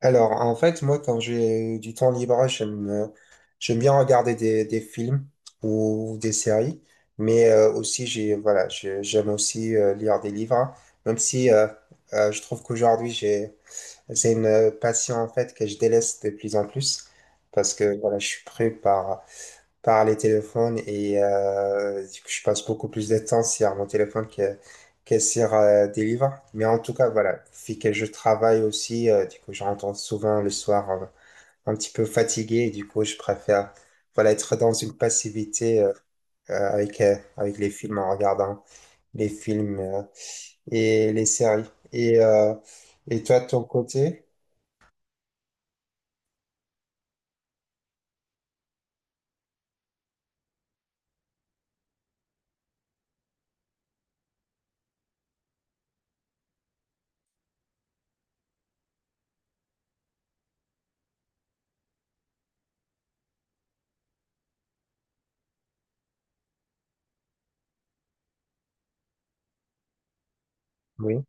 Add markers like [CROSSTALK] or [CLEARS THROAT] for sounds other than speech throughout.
Alors, en fait, moi, quand j'ai du temps libre, j'aime bien regarder des films ou des séries, mais aussi, voilà, j'aime aussi lire des livres, même si je trouve qu'aujourd'hui, c'est une passion en fait que je délaisse de plus en plus parce que voilà, je suis pris par les téléphones et du coup, je passe beaucoup plus de temps sur mon téléphone que sur des livres. Mais en tout cas, voilà, vu que je travaille aussi, du coup, je rentre souvent le soir un, petit peu fatigué et du coup, je préfère voilà, être dans une passivité avec les films en regardant les films et les séries. Et, euh, et toi, de ton côté? oui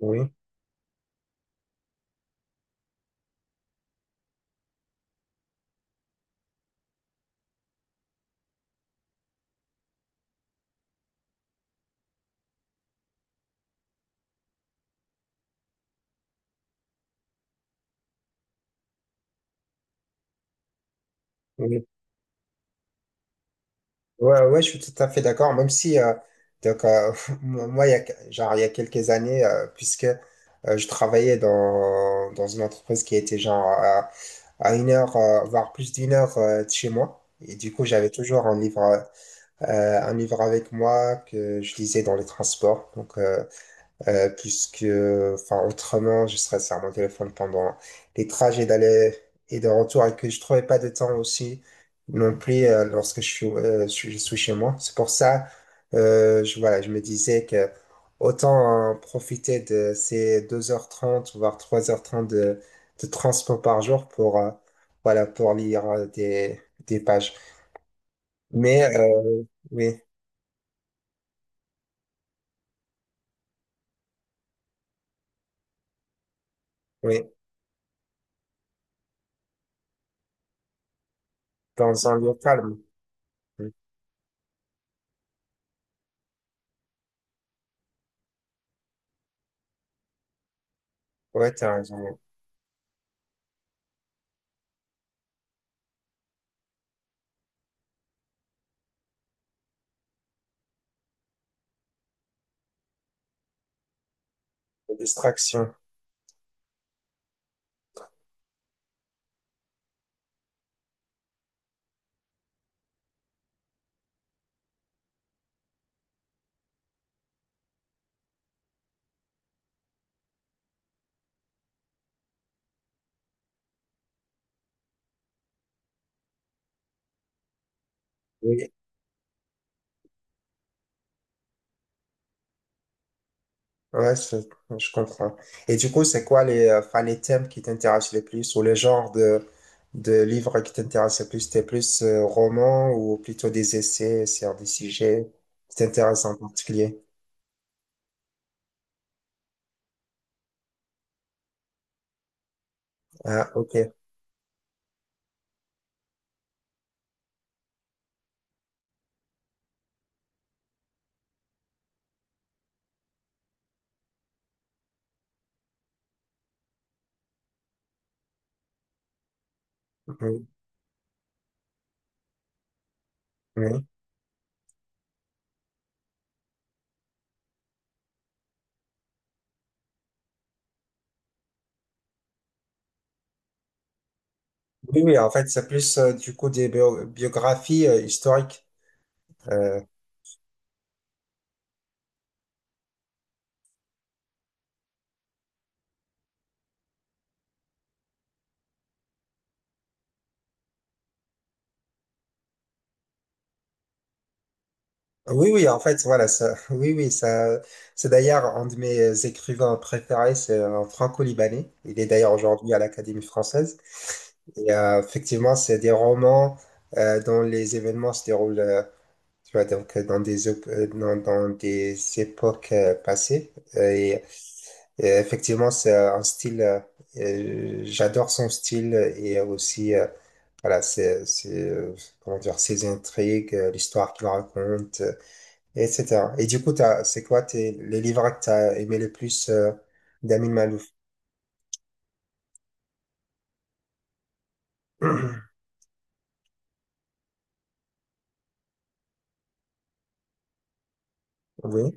Oui, oui. Ouais, ouais, je suis tout à fait d'accord, même si, donc, [LAUGHS] moi, il y a, que- genre, il y a quelques années, puisque je travaillais dans une entreprise qui était genre à une heure, voire plus d'une heure de chez moi, et du coup, j'avais toujours un livre avec moi que je lisais dans les transports, donc, Puisque, enfin, autrement, je serais sur mon téléphone pendant les trajets d'aller et de retour et que je trouvais pas de temps aussi non plus lorsque je suis chez moi. C'est pour ça, voilà, je me disais que autant profiter de ces 2h30 voire 3h30 de transport par jour voilà, pour lire des pages. Mais, oui, oui, dans un lieu calme. Oui, ouais, t'as raison. Des distractions. Oui. Ouais, je comprends. Et du coup, c'est quoi enfin, les thèmes qui t'intéressent le plus ou le genre de livres qui t'intéressent le plus? T'es plus roman ou plutôt des essais sur des sujets qui t'intéressent en particulier? Ah, ok. Oui, oui. Oui, oui, en fait, c'est plus du coup des biographies historiques. Euh, Oui, oui, en fait, voilà, ça, [LAUGHS] oui, oui, ça, c'est d'ailleurs un de mes écrivains préférés, c'est un franco-libanais. Il est d'ailleurs aujourd'hui à l'Académie française. Et effectivement, c'est des romans dont les événements se déroulent, tu vois, donc dans des époques passées. Et effectivement, j'adore son style et aussi, voilà, comment dire, ses intrigues, l'histoire qu'il raconte etc. Et du coup, c'est quoi les livres que t'as aimé le plus d'Amin Malouf? [CLEARS THROAT] Oui.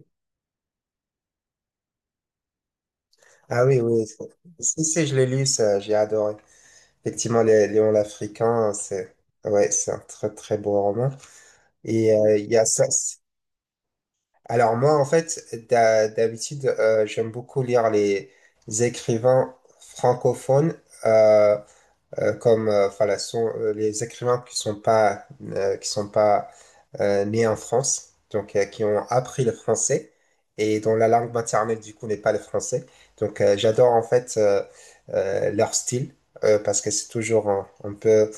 Ah oui, oui. Si, si, je l'ai lu, ça, j'ai adoré. Effectivement, les Léon l'Africain, c'est ouais, c'est un très très beau roman. Et il y a ça. Alors moi, en fait, d'habitude, j'aime beaucoup lire les écrivains francophones. euh, Comme enfin, les écrivains qui sont pas nés en France, donc qui ont appris le français et dont la langue maternelle du coup n'est pas le français. Donc j'adore en fait leur style parce que c'est toujours un peu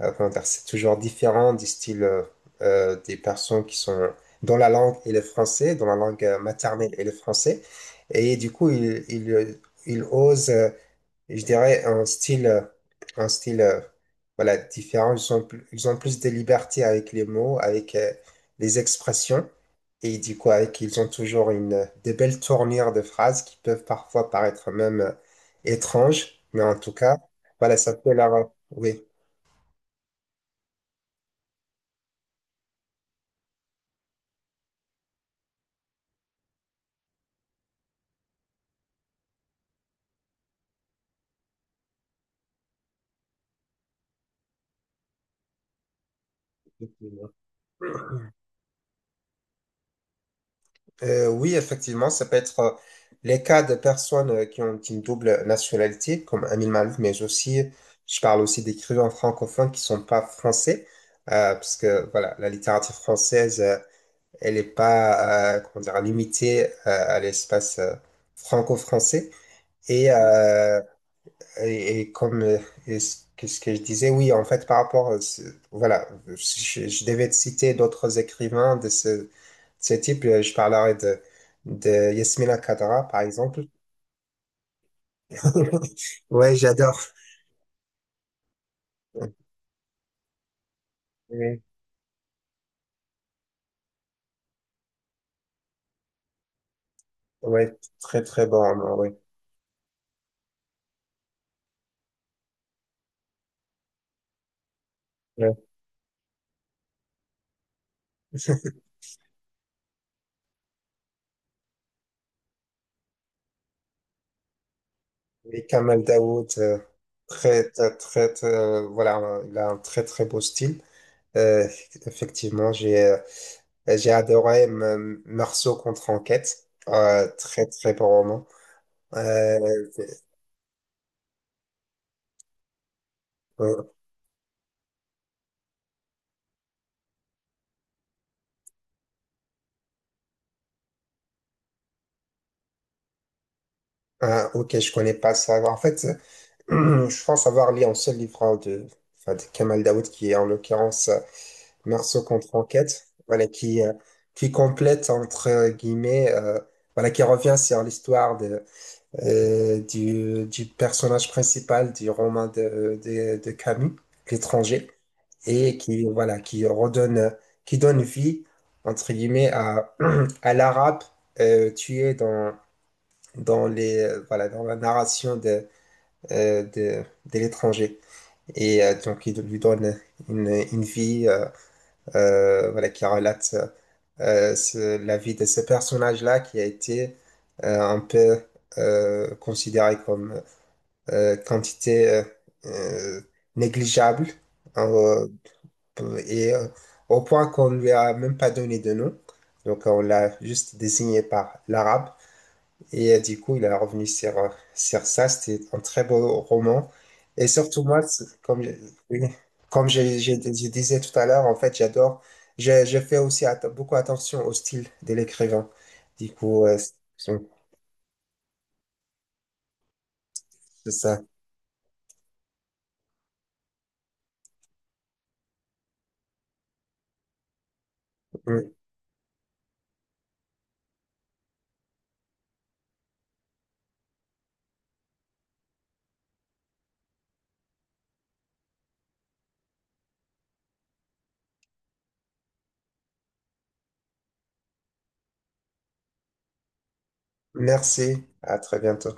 comment dire, c'est toujours différent du style des personnes qui sont dont la langue est le français, dont la langue maternelle est le français. Et du coup, ils osent je dirais, un style voilà, différent. Ils ont plus de liberté avec les mots, avec les expressions. Et du coup, ils ont toujours des belles tournures de phrases qui peuvent parfois paraître même étranges. Mais en tout cas, voilà, ça fait leur. Oui. Oui, effectivement, ça peut être les cas de personnes qui ont une double nationalité, comme Amin Malouf, mais aussi, je parle aussi d'écrivains francophones qui sont pas français, parce que voilà, la littérature française, elle est pas, comment dire, limitée à l'espace franco-français. Mm. Et comme et ce que je disais, oui, en fait, par rapport, voilà, je devais te citer d'autres écrivains de ce type. Je parlerai de Yasmina Khadra, par exemple. [LAUGHS] Ouais, j'adore. Ouais, ouais, très très bon, roman, ouais. Ouais. [LAUGHS] Et Kamal Daoud, très, très, très, voilà, il a un très très beau style. Euh, Effectivement, j'ai adoré Meursault contre Enquête. Très très bon roman. Euh, euh, ah, ok, je connais pas ça. En fait, [CLEARS THROAT] je pense avoir lu un seul livre hein, enfin, de Kamal Daoud qui est en l'occurrence Meursault contre Enquête. Voilà qui complète entre guillemets. Voilà, qui revient sur l'histoire du personnage principal du roman de Camus, L'étranger. Et qui, voilà, qui donne vie, entre guillemets, à, [CLEARS THROAT] à l'arabe tué voilà, dans la narration de l'étranger. Et donc, il lui donne une vie voilà, qui relate la vie de ce personnage-là qui a été un peu considéré comme quantité euh, négligeable euh, et au point qu'on ne lui a même pas donné de nom. Donc on l'a juste désigné par l'arabe. Et du coup, il est revenu sur ça. C'était un très beau roman. Et surtout, moi, comme, oui, comme je disais tout à l'heure, en fait, j'adore. Je fais aussi beaucoup attention au style de l'écrivain. Du coup, c'est c'est ça. Mm. Merci. À très bientôt.